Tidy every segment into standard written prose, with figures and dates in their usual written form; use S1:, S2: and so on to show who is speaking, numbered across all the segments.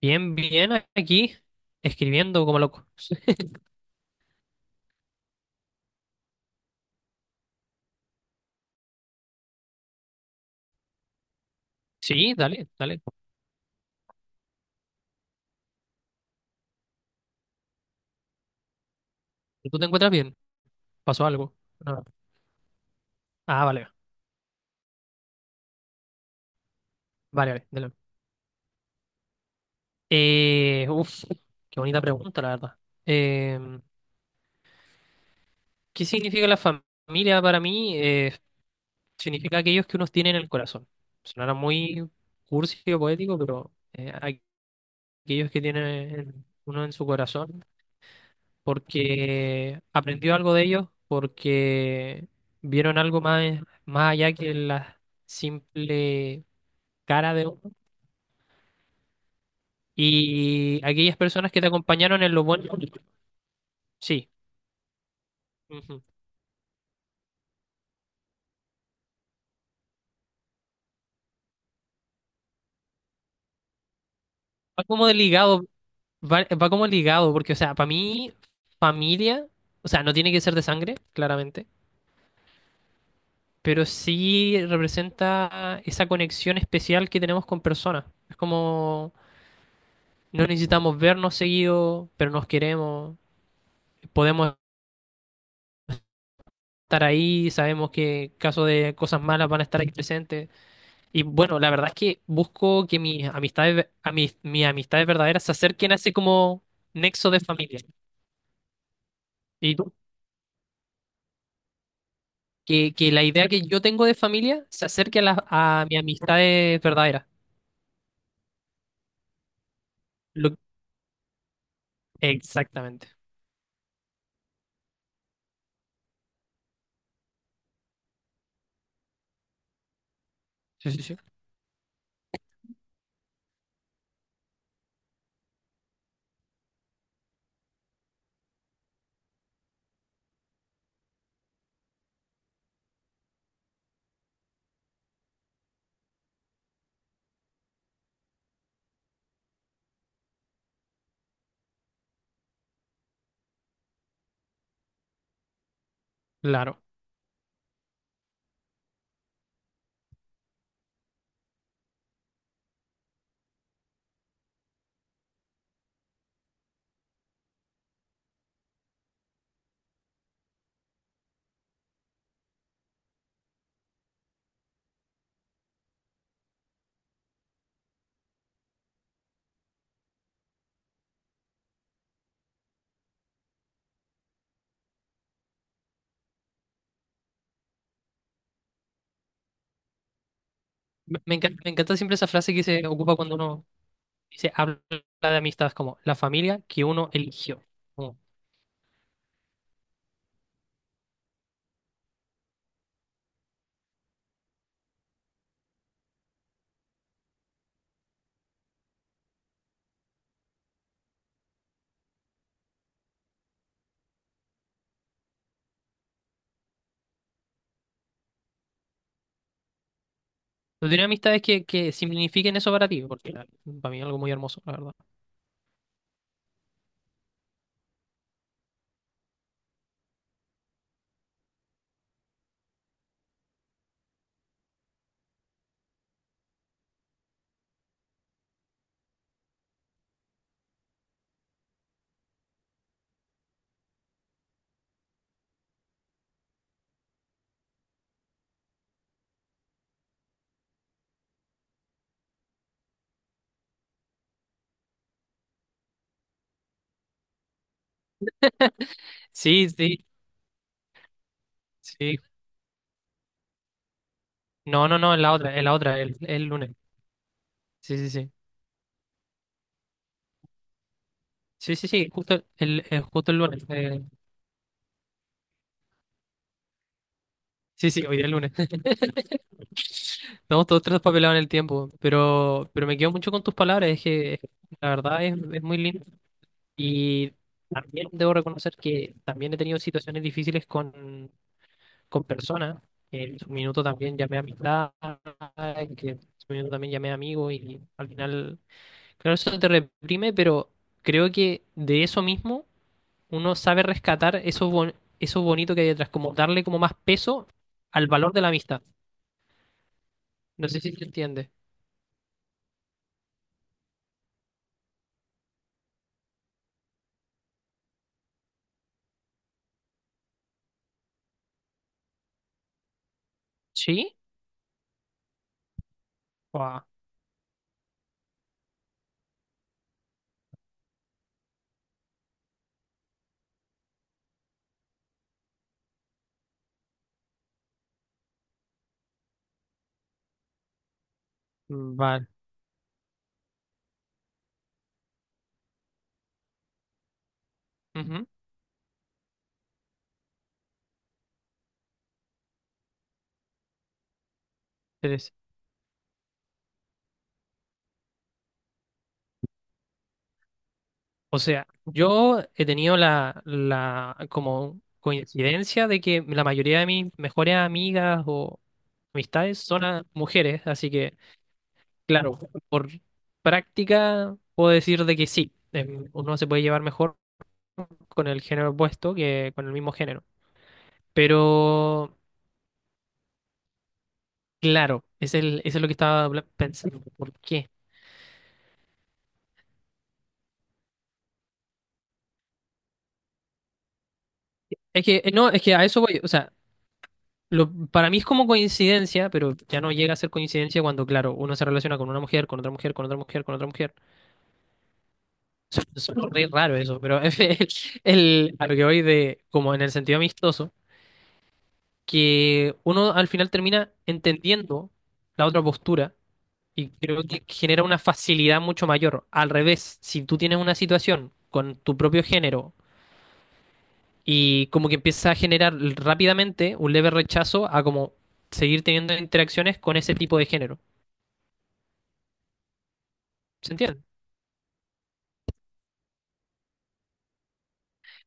S1: Bien, bien, aquí, escribiendo como loco. Sí, dale, dale. ¿Tú te encuentras bien? ¿Pasó algo? No. Ah, vale, vale, vale, dale. Eh, uf, Qué bonita pregunta, la verdad. Eh, ¿Qué significa la familia para mí? Significa aquellos que uno tiene en el corazón. Sonará muy cursi o poético, pero aquellos que tiene uno en su corazón porque aprendió algo de ellos, porque vieron algo más, más allá que la simple cara de uno. Y aquellas personas que te acompañaron en lo bueno, sí. Ujú. Va como de ligado, va, va como ligado, porque, o sea, para mí, familia, o sea, no tiene que ser de sangre, claramente, pero sí representa esa conexión especial que tenemos con personas. Es como, no necesitamos vernos seguido, pero nos queremos podemos estar ahí, sabemos que en caso de cosas malas van a estar ahí presentes. Y bueno, la verdad es que busco que mis amistades verdaderas se acerquen a ese como nexo de familia. Y tú, que la idea que yo tengo de familia se acerque a, las a mis amistades verdaderas. Lo- Exactamente. Sí, sí, sí. Claro. Me encanta, me encanta siempre esa frase que se ocupa cuando uno se habla de amistades como la familia que uno eligió. ¿Tú tienes amistades que signifiquen eso para ti? Para mí es algo muy hermoso, la verdad. Sí, sí, sí. No, no, no, es la otra, el lunes. Sí, sí, sí. Sí, sí, sí, justo justo el lunes. Sí, sí, hoy día es lunes. Estamos todos traspapelados en el tiempo, pero me quedo mucho con tus palabras, la verdad es muy lindo. Y también debo reconocer que también he tenido situaciones difíciles con personas, que en su minuto también llamé amistad, que en su minuto también llamé amigo y al final, claro, eso te reprime, pero creo que de eso mismo uno sabe rescatar eso bonito que hay detrás, como darle como más peso al valor de la amistad. No sé si se entiende. ¿Sí? Guau. Vale, ujú. O sea, yo he tenido la como coincidencia de que la mayoría de mis mejores amigas o amistades son mujeres, así que, claro, por práctica puedo decir de que sí, uno se puede llevar mejor con el género opuesto que con el mismo género. Pero, claro, es el, eso es lo que estaba pensando. ¿Por qué? Es que, no, es que a eso voy, o sea. Lo, para mí es como coincidencia, pero ya no llega a ser coincidencia cuando, claro, uno se relaciona con una mujer, con otra mujer, con otra mujer, con otra mujer. Es re raro eso, pero a lo que voy de, como en el sentido amistoso, que uno al final termina entendiendo la otra postura y creo que genera una facilidad mucho mayor. Al revés, si tú tienes una situación con tu propio género y como que empieza a generar rápidamente un leve rechazo a como seguir teniendo interacciones con ese tipo de género. ¿Se entiende?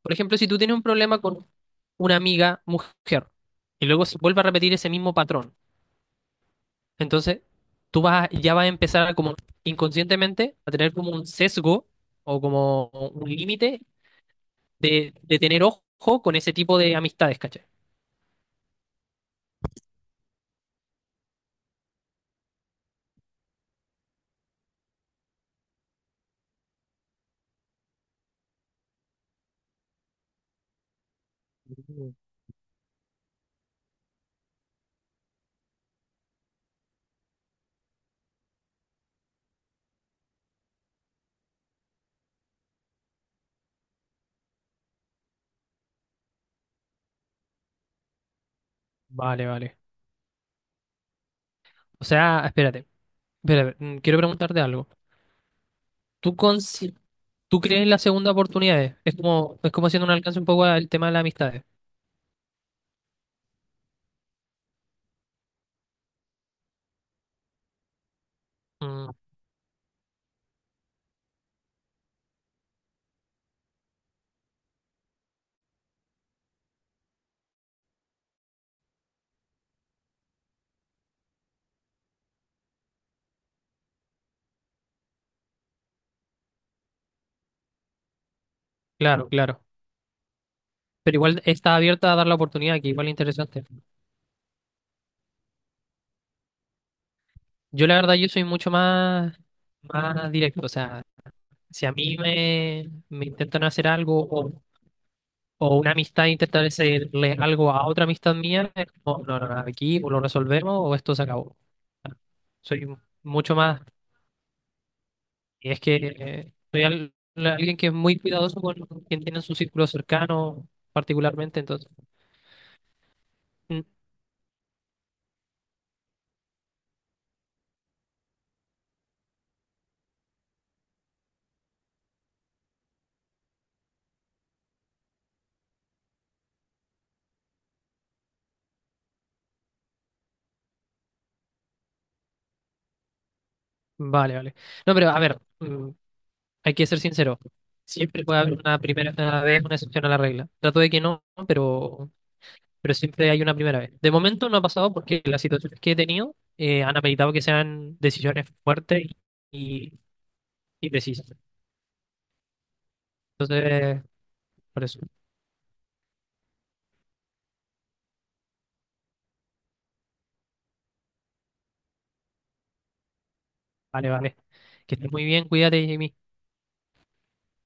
S1: Por ejemplo, si tú tienes un problema con una amiga mujer y luego se vuelve a repetir ese mismo patrón, entonces tú ya vas a empezar a como inconscientemente a tener como un sesgo o como un límite de tener ojo con ese tipo de amistades, ¿cachai? Mm. Vale, vale. O sea, espérate, espérate, mm, quiero preguntarte algo. ¿Tú, consi- ¿Tú crees en las segundas oportunidades? Es como haciendo un alcance un poco al tema de las amistades. Mm, claro, claro. Pero igual está abierta a dar la oportunidad, que igual es interesante. Yo la verdad, yo soy mucho más, más directo. O sea, si a mí me intentan hacer algo o una amistad intenta hacerle algo a otra amistad mía, es como, no, no, no, aquí o lo resolvemos o esto se acabó. Soy mucho más... Y es que soy alguien que es muy cuidadoso con quien tiene en su círculo cercano, particularmente, entonces... Mm. Vale, vale. No, pero a ver, mm, hay que ser sincero. Siempre puede haber una primera vez, una excepción a la regla. Trato de que no, pero siempre hay una primera vez. De momento no ha pasado porque las situaciones que he tenido han ameritado que sean decisiones fuertes y, y precisas. Entonces, por eso. Vale, vale. Que estés muy bien, cuídate, Jimmy.